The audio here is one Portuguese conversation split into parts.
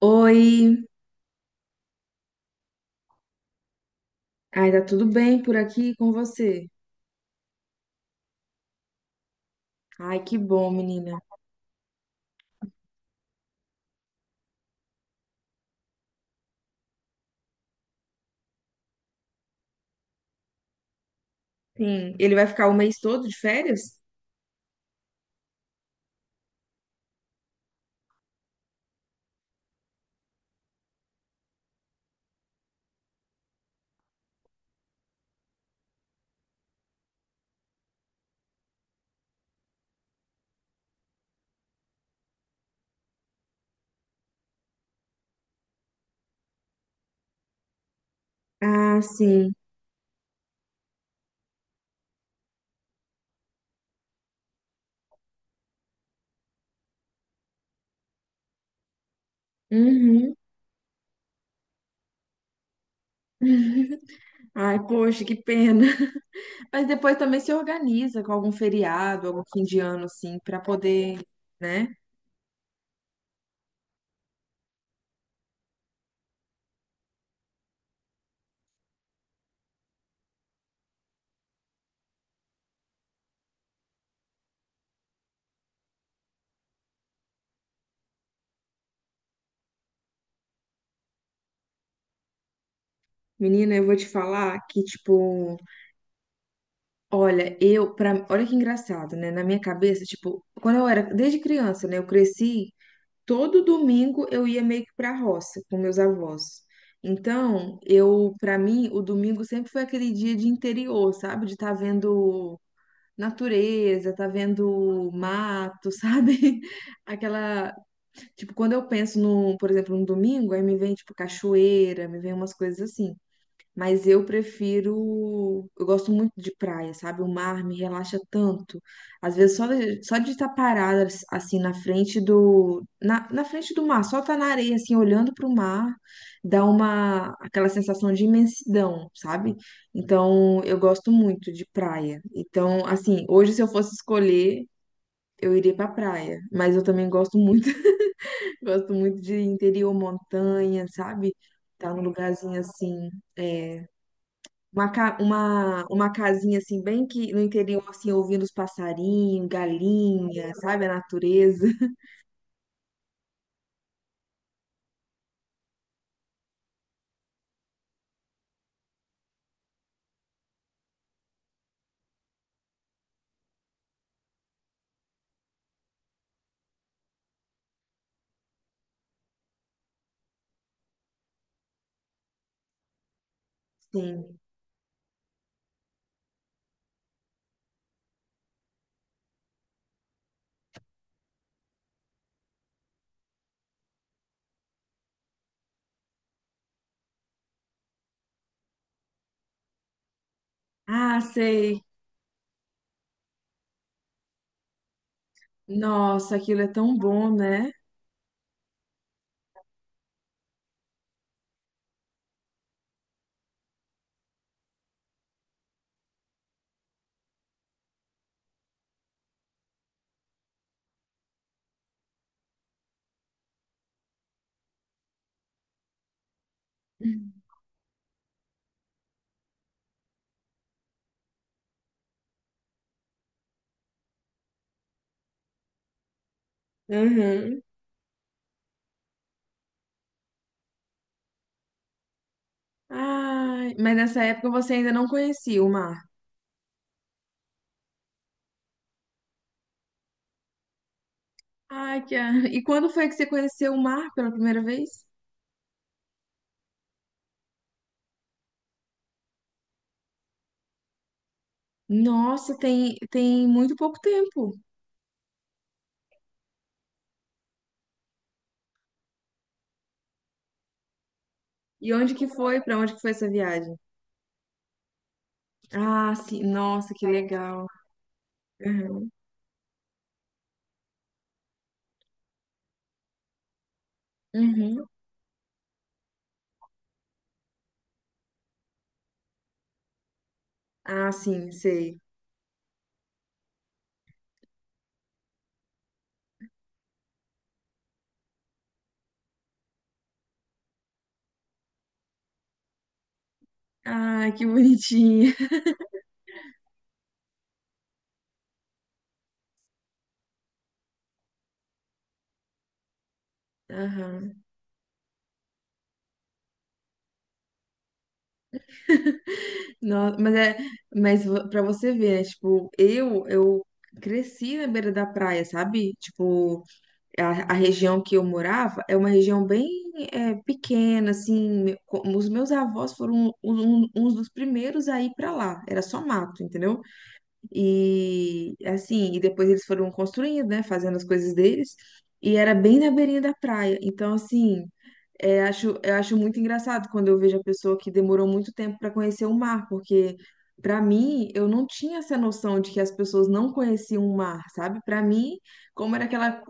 Oi, ai, tá tudo bem por aqui com você? Ai, que bom, menina. Sim, ele vai ficar o mês todo de férias? Ah, sim. Uhum. Ai, poxa, que pena. Mas depois também se organiza com algum feriado, algum fim de ano, assim, pra poder, né? Menina, eu vou te falar que, tipo, olha, olha que engraçado, né? Na minha cabeça, tipo, quando eu era, desde criança, né? Eu cresci todo domingo eu ia meio que para roça com meus avós. Então, eu, para mim, o domingo sempre foi aquele dia de interior, sabe? De estar vendo natureza, tá vendo mato, sabe? Aquela, tipo, quando eu penso por exemplo, no domingo, aí me vem tipo cachoeira, me vem umas coisas assim. Mas eu prefiro. Eu gosto muito de praia, sabe? O mar me relaxa tanto. Às vezes, só de estar parada assim na frente do. Na frente do mar, só estar na areia, assim, olhando para o mar, dá uma aquela sensação de imensidão, sabe? Então, eu gosto muito de praia. Então, assim, hoje, se eu fosse escolher, eu iria para praia. Mas eu também gosto muito, gosto muito de interior, montanha, sabe? Tá num lugarzinho assim é, uma casinha assim, bem que no interior, assim, ouvindo os passarinhos, galinha, sabe? A natureza. Sim. Ah, sei. Nossa, aquilo é tão bom, né? Uhum. Ai, mas nessa época você ainda não conhecia o mar. Ai, que... a- E quando foi que você conheceu o mar pela primeira vez? Nossa, tem muito pouco tempo. E onde que foi? Pra onde que foi essa viagem? Ah, sim. Nossa, que legal. Uhum. Uhum. Ah, sim, sei. Ah, que bonitinha. Aham. Mas é, pra você ver, né, tipo, eu cresci na beira da praia, sabe? Tipo, a região que eu morava é uma região bem pequena, assim, os meus avós foram uns dos primeiros a ir pra lá, era só mato, entendeu? E assim, e depois eles foram construindo, né, fazendo as coisas deles, e era bem na beirinha da praia. Então, assim, eu acho muito engraçado quando eu vejo a pessoa que demorou muito tempo para conhecer o mar, porque para mim eu não tinha essa noção de que as pessoas não conheciam o mar, sabe? Para mim, como era aquela.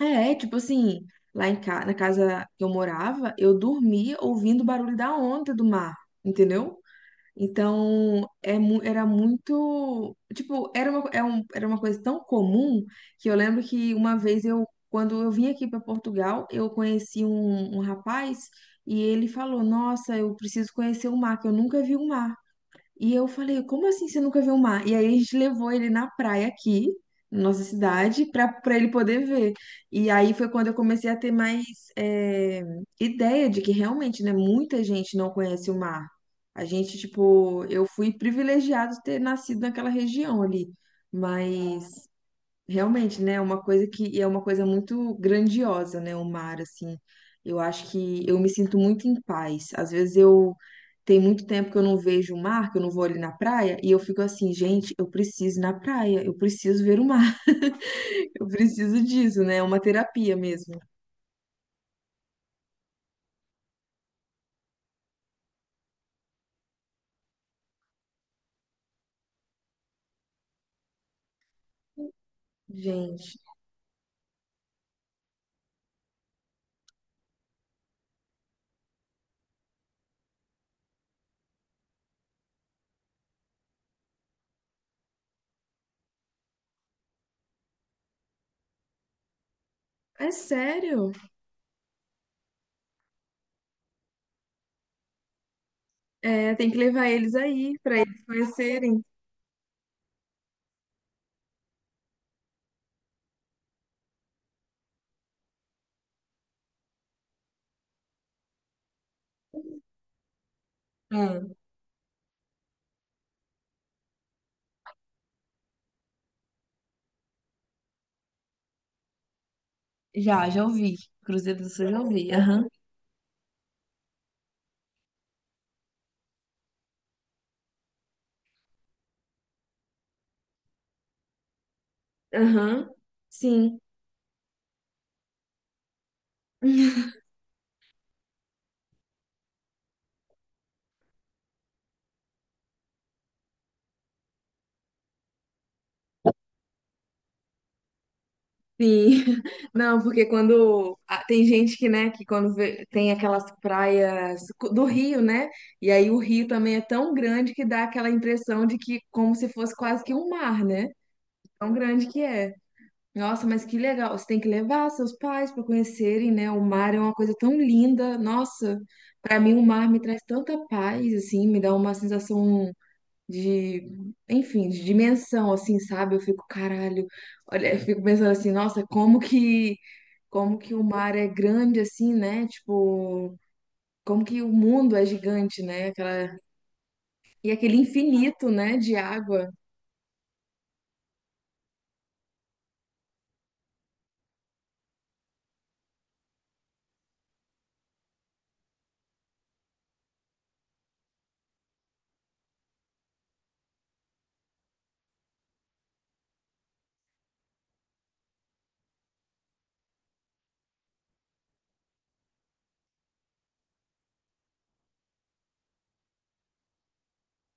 É, tipo assim, na casa que eu morava, eu dormia ouvindo o barulho da onda do mar, entendeu? Então, era muito, tipo, era uma coisa tão comum que eu lembro que uma vez eu, quando eu vim aqui para Portugal, eu conheci um rapaz e ele falou, nossa, eu preciso conhecer o mar, que eu nunca vi o mar. E eu falei, como assim você nunca viu o mar? E aí a gente levou ele na praia aqui, na nossa cidade, para ele poder ver. E aí foi quando eu comecei a ter mais é, ideia de que realmente, né, muita gente não conhece o mar. A gente, tipo, eu fui privilegiado de ter nascido naquela região ali. Mas realmente, né? É uma coisa que e é uma coisa muito grandiosa, né? O mar, assim. Eu acho que eu me sinto muito em paz. Às vezes eu tem muito tempo que eu não vejo o mar, que eu não vou ali na praia, e eu fico assim, gente, eu preciso ir na praia, eu preciso ver o mar, eu preciso disso, né? É uma terapia mesmo. Gente, é sério? É, tem que levar eles aí pra eles conhecerem. Ah, já, já ouvi. Cruzeiro do Sul eu já ouvi. Aham. Aham. Sim. Sim, não, porque quando ah, tem gente que, né, tem aquelas praias do Rio, né, e aí o Rio também é tão grande que dá aquela impressão de que como se fosse quase que um mar, né? Tão grande que é. Nossa, mas que legal! Você tem que levar seus pais para conhecerem, né? O mar é uma coisa tão linda. Nossa, para mim o mar me traz tanta paz, assim, me dá uma sensação de, enfim, de dimensão, assim, sabe? Eu fico, caralho, olha, eu fico pensando assim, nossa, como que o mar é grande assim, né? Tipo, como que o mundo é gigante, né? Aquela, e aquele infinito, né, de água.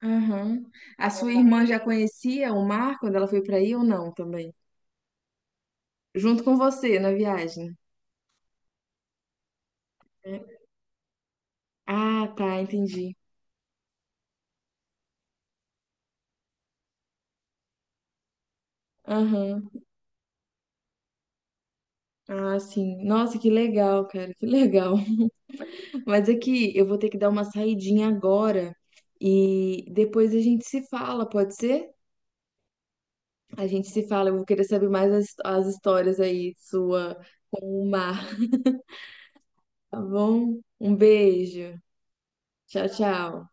Aham. A sua irmã já conhecia o mar quando ela foi pra aí ou não também? Junto com você na viagem. Né? Ah, tá, entendi. Aham. Ah, sim. Nossa, que legal, cara, que legal. Mas é que eu vou ter que dar uma saidinha agora e depois a gente se fala, pode ser? A gente se fala, eu vou querer saber mais as histórias aí sua com o mar, tá bom? Um beijo. Tchau, tchau.